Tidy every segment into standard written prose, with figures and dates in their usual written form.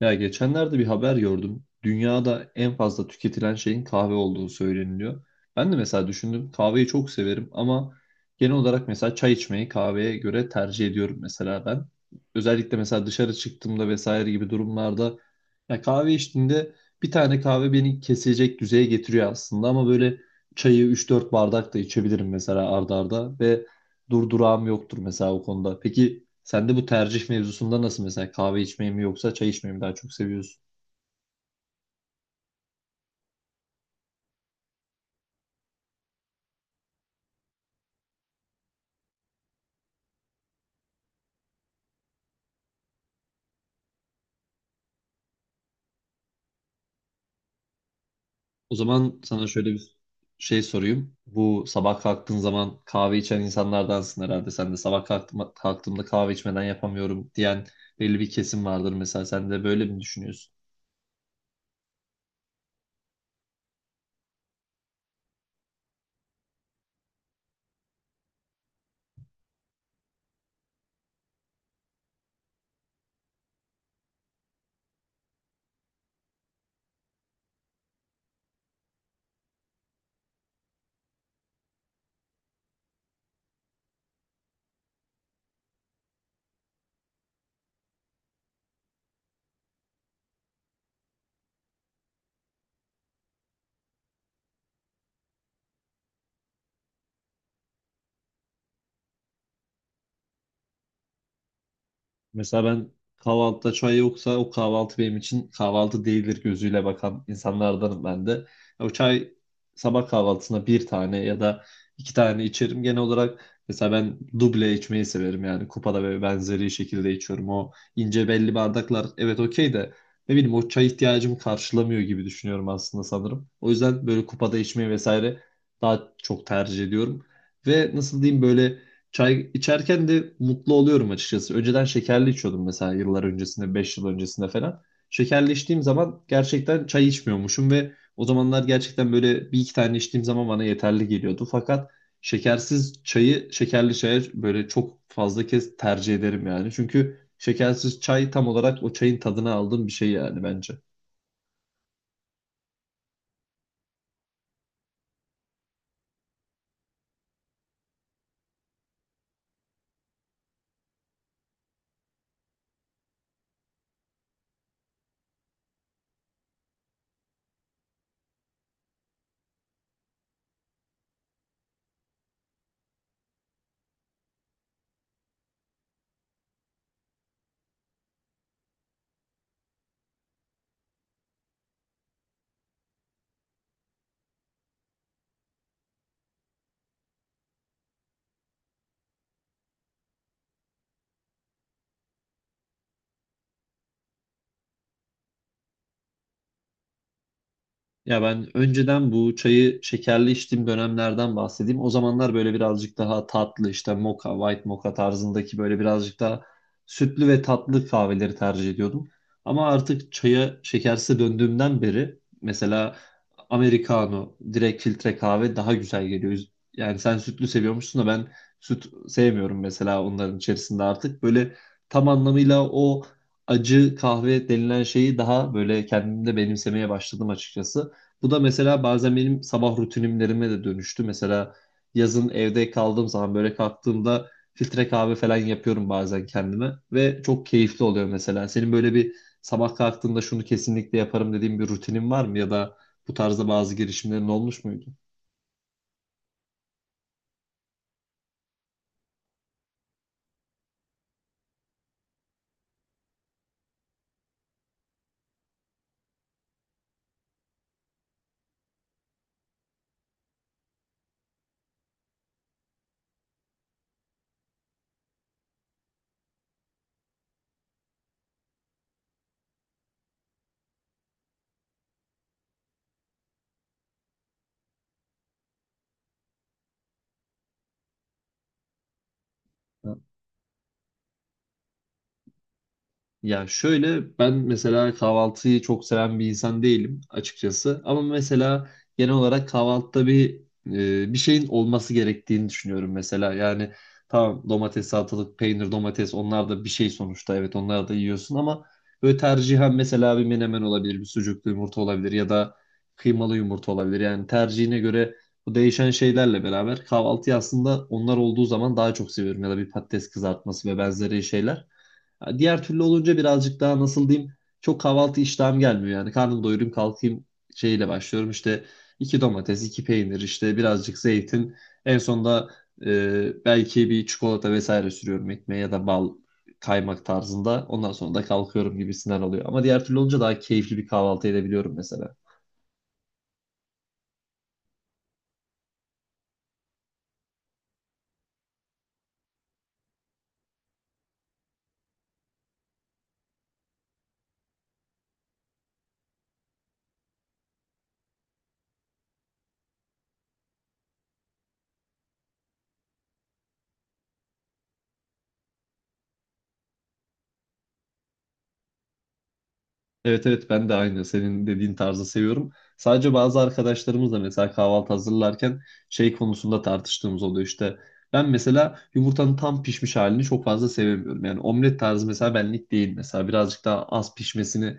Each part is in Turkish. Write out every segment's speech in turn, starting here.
Ya geçenlerde bir haber gördüm. Dünyada en fazla tüketilen şeyin kahve olduğu söyleniliyor. Ben de mesela düşündüm kahveyi çok severim ama genel olarak mesela çay içmeyi kahveye göre tercih ediyorum mesela ben. Özellikle mesela dışarı çıktığımda vesaire gibi durumlarda ya kahve içtiğinde bir tane kahve beni kesecek düzeye getiriyor aslında ama böyle çayı üç dört bardak da içebilirim mesela arda arda ve durdurağım yoktur mesela o konuda. Peki sen de bu tercih mevzusunda nasıl mesela kahve içmeyi mi yoksa çay içmeyi mi daha çok seviyorsun? O zaman sana şöyle bir şey sorayım. Bu sabah kalktığın zaman kahve içen insanlardansın herhalde. Sen de sabah kalktığımda kahve içmeden yapamıyorum diyen belli bir kesim vardır mesela. Sen de böyle mi düşünüyorsun? Mesela ben kahvaltıda çay yoksa o kahvaltı benim için kahvaltı değildir gözüyle bakan insanlardanım ben de. O çay sabah kahvaltısına bir tane ya da iki tane içerim. Genel olarak mesela ben duble içmeyi severim yani kupada ve benzeri şekilde içiyorum. O ince belli bardaklar evet okey de ne bileyim o çay ihtiyacımı karşılamıyor gibi düşünüyorum aslında sanırım. O yüzden böyle kupada içmeyi vesaire daha çok tercih ediyorum. Ve nasıl diyeyim, böyle çay içerken de mutlu oluyorum açıkçası. Önceden şekerli içiyordum mesela yıllar öncesinde, 5 yıl öncesinde falan. Şekerli içtiğim zaman gerçekten çay içmiyormuşum ve o zamanlar gerçekten böyle bir iki tane içtiğim zaman bana yeterli geliyordu. Fakat şekersiz çayı şekerli çaya böyle çok fazla kez tercih ederim yani. Çünkü şekersiz çay tam olarak o çayın tadını aldığım bir şey yani bence. Ya ben önceden bu çayı şekerli içtiğim dönemlerden bahsedeyim. O zamanlar böyle birazcık daha tatlı işte moka, white moka tarzındaki böyle birazcık daha sütlü ve tatlı kahveleri tercih ediyordum. Ama artık çaya şekersiz döndüğümden beri mesela americano, direkt filtre kahve daha güzel geliyor. Yani sen sütlü seviyormuşsun da ben süt sevmiyorum mesela onların içerisinde artık. Böyle tam anlamıyla o acı kahve denilen şeyi daha böyle kendimde benimsemeye başladım açıkçası. Bu da mesela bazen benim sabah rutinimlerime de dönüştü. Mesela yazın evde kaldığım zaman böyle kalktığımda filtre kahve falan yapıyorum bazen kendime ve çok keyifli oluyor mesela. Senin böyle bir sabah kalktığında şunu kesinlikle yaparım dediğin bir rutinin var mı, ya da bu tarzda bazı girişimlerin olmuş muydu? Ya şöyle, ben mesela kahvaltıyı çok seven bir insan değilim açıkçası. Ama mesela genel olarak kahvaltıda bir bir şeyin olması gerektiğini düşünüyorum mesela. Yani tamam, domates, salatalık, peynir, domates, onlar da bir şey sonuçta. Evet, onları da yiyorsun ama böyle tercihen mesela bir menemen olabilir, bir sucuklu yumurta olabilir ya da kıymalı yumurta olabilir. Yani tercihine göre bu değişen şeylerle beraber kahvaltıyı aslında onlar olduğu zaman daha çok seviyorum, ya da bir patates kızartması ve benzeri şeyler. Ha, diğer türlü olunca birazcık daha nasıl diyeyim, çok kahvaltı iştahım gelmiyor yani. Karnım doyurayım kalkayım şeyle başlıyorum işte, iki domates iki peynir, işte birazcık zeytin, en sonunda belki bir çikolata vesaire sürüyorum ekmeğe, ya da bal kaymak tarzında, ondan sonra da kalkıyorum gibisinden oluyor. Ama diğer türlü olunca daha keyifli bir kahvaltı edebiliyorum mesela. Evet, evet, ben de aynı senin dediğin tarzı seviyorum. Sadece bazı arkadaşlarımızla mesela kahvaltı hazırlarken şey konusunda tartıştığımız oluyor işte. Ben mesela yumurtanın tam pişmiş halini çok fazla sevemiyorum. Yani omlet tarzı mesela benlik değil, mesela birazcık daha az pişmesini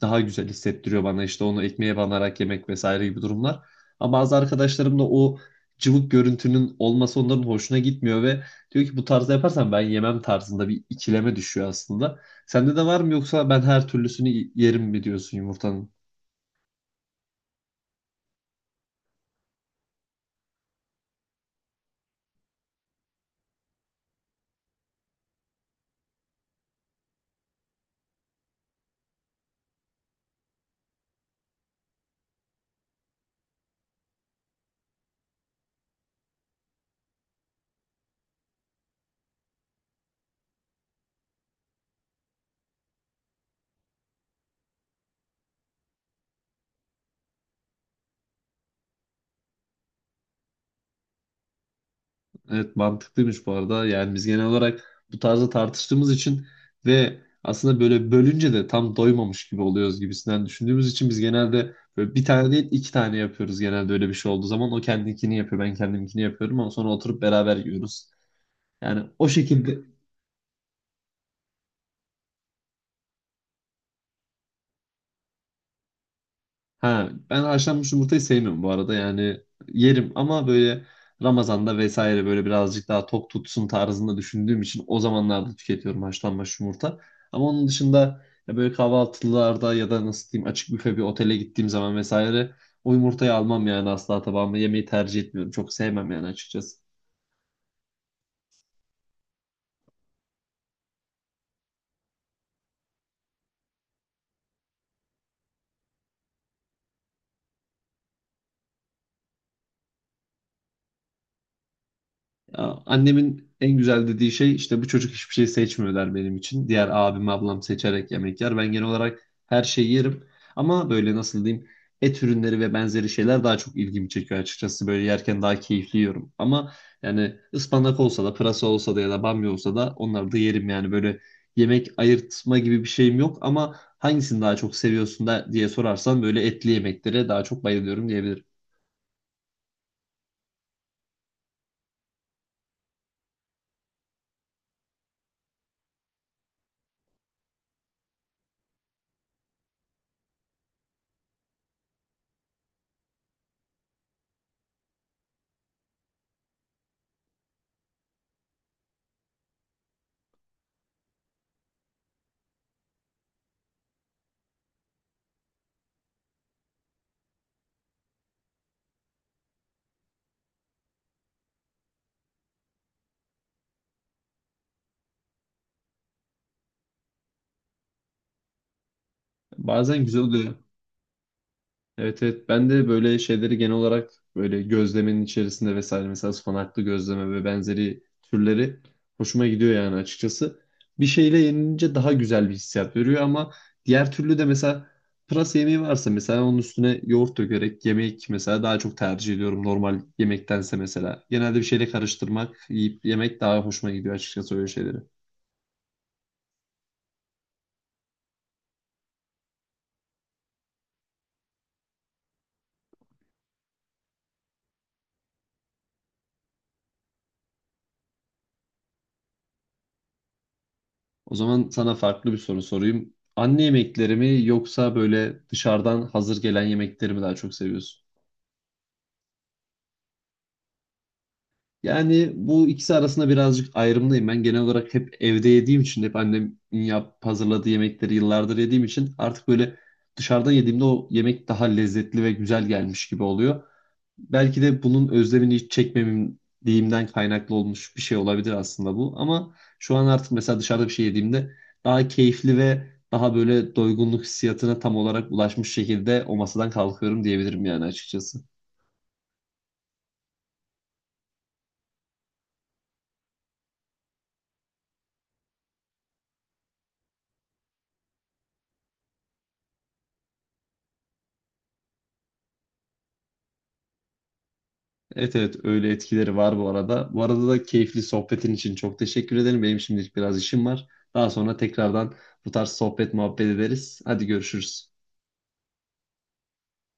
daha güzel hissettiriyor bana, işte onu ekmeğe banarak yemek vesaire gibi durumlar. Ama bazı arkadaşlarım da o cıvık görüntünün olması onların hoşuna gitmiyor ve diyor ki bu tarzda yaparsan ben yemem tarzında, bir ikileme düşüyor aslında. Sende de var mı, yoksa ben her türlüsünü yerim mi diyorsun yumurtanın? Evet, mantıklıymış bu arada. Yani biz genel olarak bu tarzda tartıştığımız için ve aslında böyle bölünce de tam doymamış gibi oluyoruz gibisinden düşündüğümüz için, biz genelde böyle bir tane değil iki tane yapıyoruz genelde öyle bir şey olduğu zaman. O kendinkini yapıyor, ben kendimkini yapıyorum, ama sonra oturup beraber yiyoruz. Yani o şekilde. Ha, ben haşlanmış yumurtayı sevmiyorum bu arada. Yani yerim ama böyle Ramazan'da vesaire böyle birazcık daha tok tutsun tarzında düşündüğüm için o zamanlarda tüketiyorum haşlanmış yumurta. Ama onun dışında, ya böyle kahvaltılarda ya da nasıl diyeyim, açık büfe bir otele gittiğim zaman vesaire, o yumurtayı almam yani, asla tabağıma yemeyi tercih etmiyorum. Çok sevmem yani açıkçası. Ya, annemin en güzel dediği şey işte bu çocuk hiçbir şey seçmiyor der benim için. Diğer abim, ablam seçerek yemek yer. Ben genel olarak her şeyi yerim. Ama böyle nasıl diyeyim, et ürünleri ve benzeri şeyler daha çok ilgimi çekiyor açıkçası. Böyle yerken daha keyifli yiyorum. Ama yani ıspanak olsa da, pırasa olsa da, ya da bamya olsa da onları da yerim yani. Böyle yemek ayırtma gibi bir şeyim yok. Ama hangisini daha çok seviyorsun da diye sorarsan, böyle etli yemeklere daha çok bayılıyorum diyebilirim. Bazen güzel oluyor. Evet, evet, ben de böyle şeyleri genel olarak böyle gözlemenin içerisinde vesaire, mesela ıspanaklı gözleme ve benzeri türleri hoşuma gidiyor yani açıkçası. Bir şeyle yenilince daha güzel bir hissiyat veriyor, ama diğer türlü de mesela pırasa yemeği varsa mesela onun üstüne yoğurt dökerek yemek mesela daha çok tercih ediyorum normal yemektense mesela. Genelde bir şeyle karıştırmak, yiyip yemek daha hoşuma gidiyor açıkçası öyle şeyleri. O zaman sana farklı bir soru sorayım. Anne yemekleri mi, yoksa böyle dışarıdan hazır gelen yemekleri mi daha çok seviyorsun? Yani bu ikisi arasında birazcık ayrımdayım. Ben genel olarak hep evde yediğim için, hep annemin hazırladığı yemekleri yıllardır yediğim için, artık böyle dışarıdan yediğimde o yemek daha lezzetli ve güzel gelmiş gibi oluyor. Belki de bunun özlemini hiç çekmemeliğimden kaynaklı olmuş bir şey olabilir aslında bu. Ama şu an artık mesela dışarıda bir şey yediğimde daha keyifli ve daha böyle doygunluk hissiyatına tam olarak ulaşmış şekilde o masadan kalkıyorum diyebilirim yani açıkçası. Evet, evet, öyle etkileri var bu arada. Bu arada da keyifli sohbetin için çok teşekkür ederim. Benim şimdilik biraz işim var. Daha sonra tekrardan bu tarz sohbet muhabbet ederiz. Hadi görüşürüz.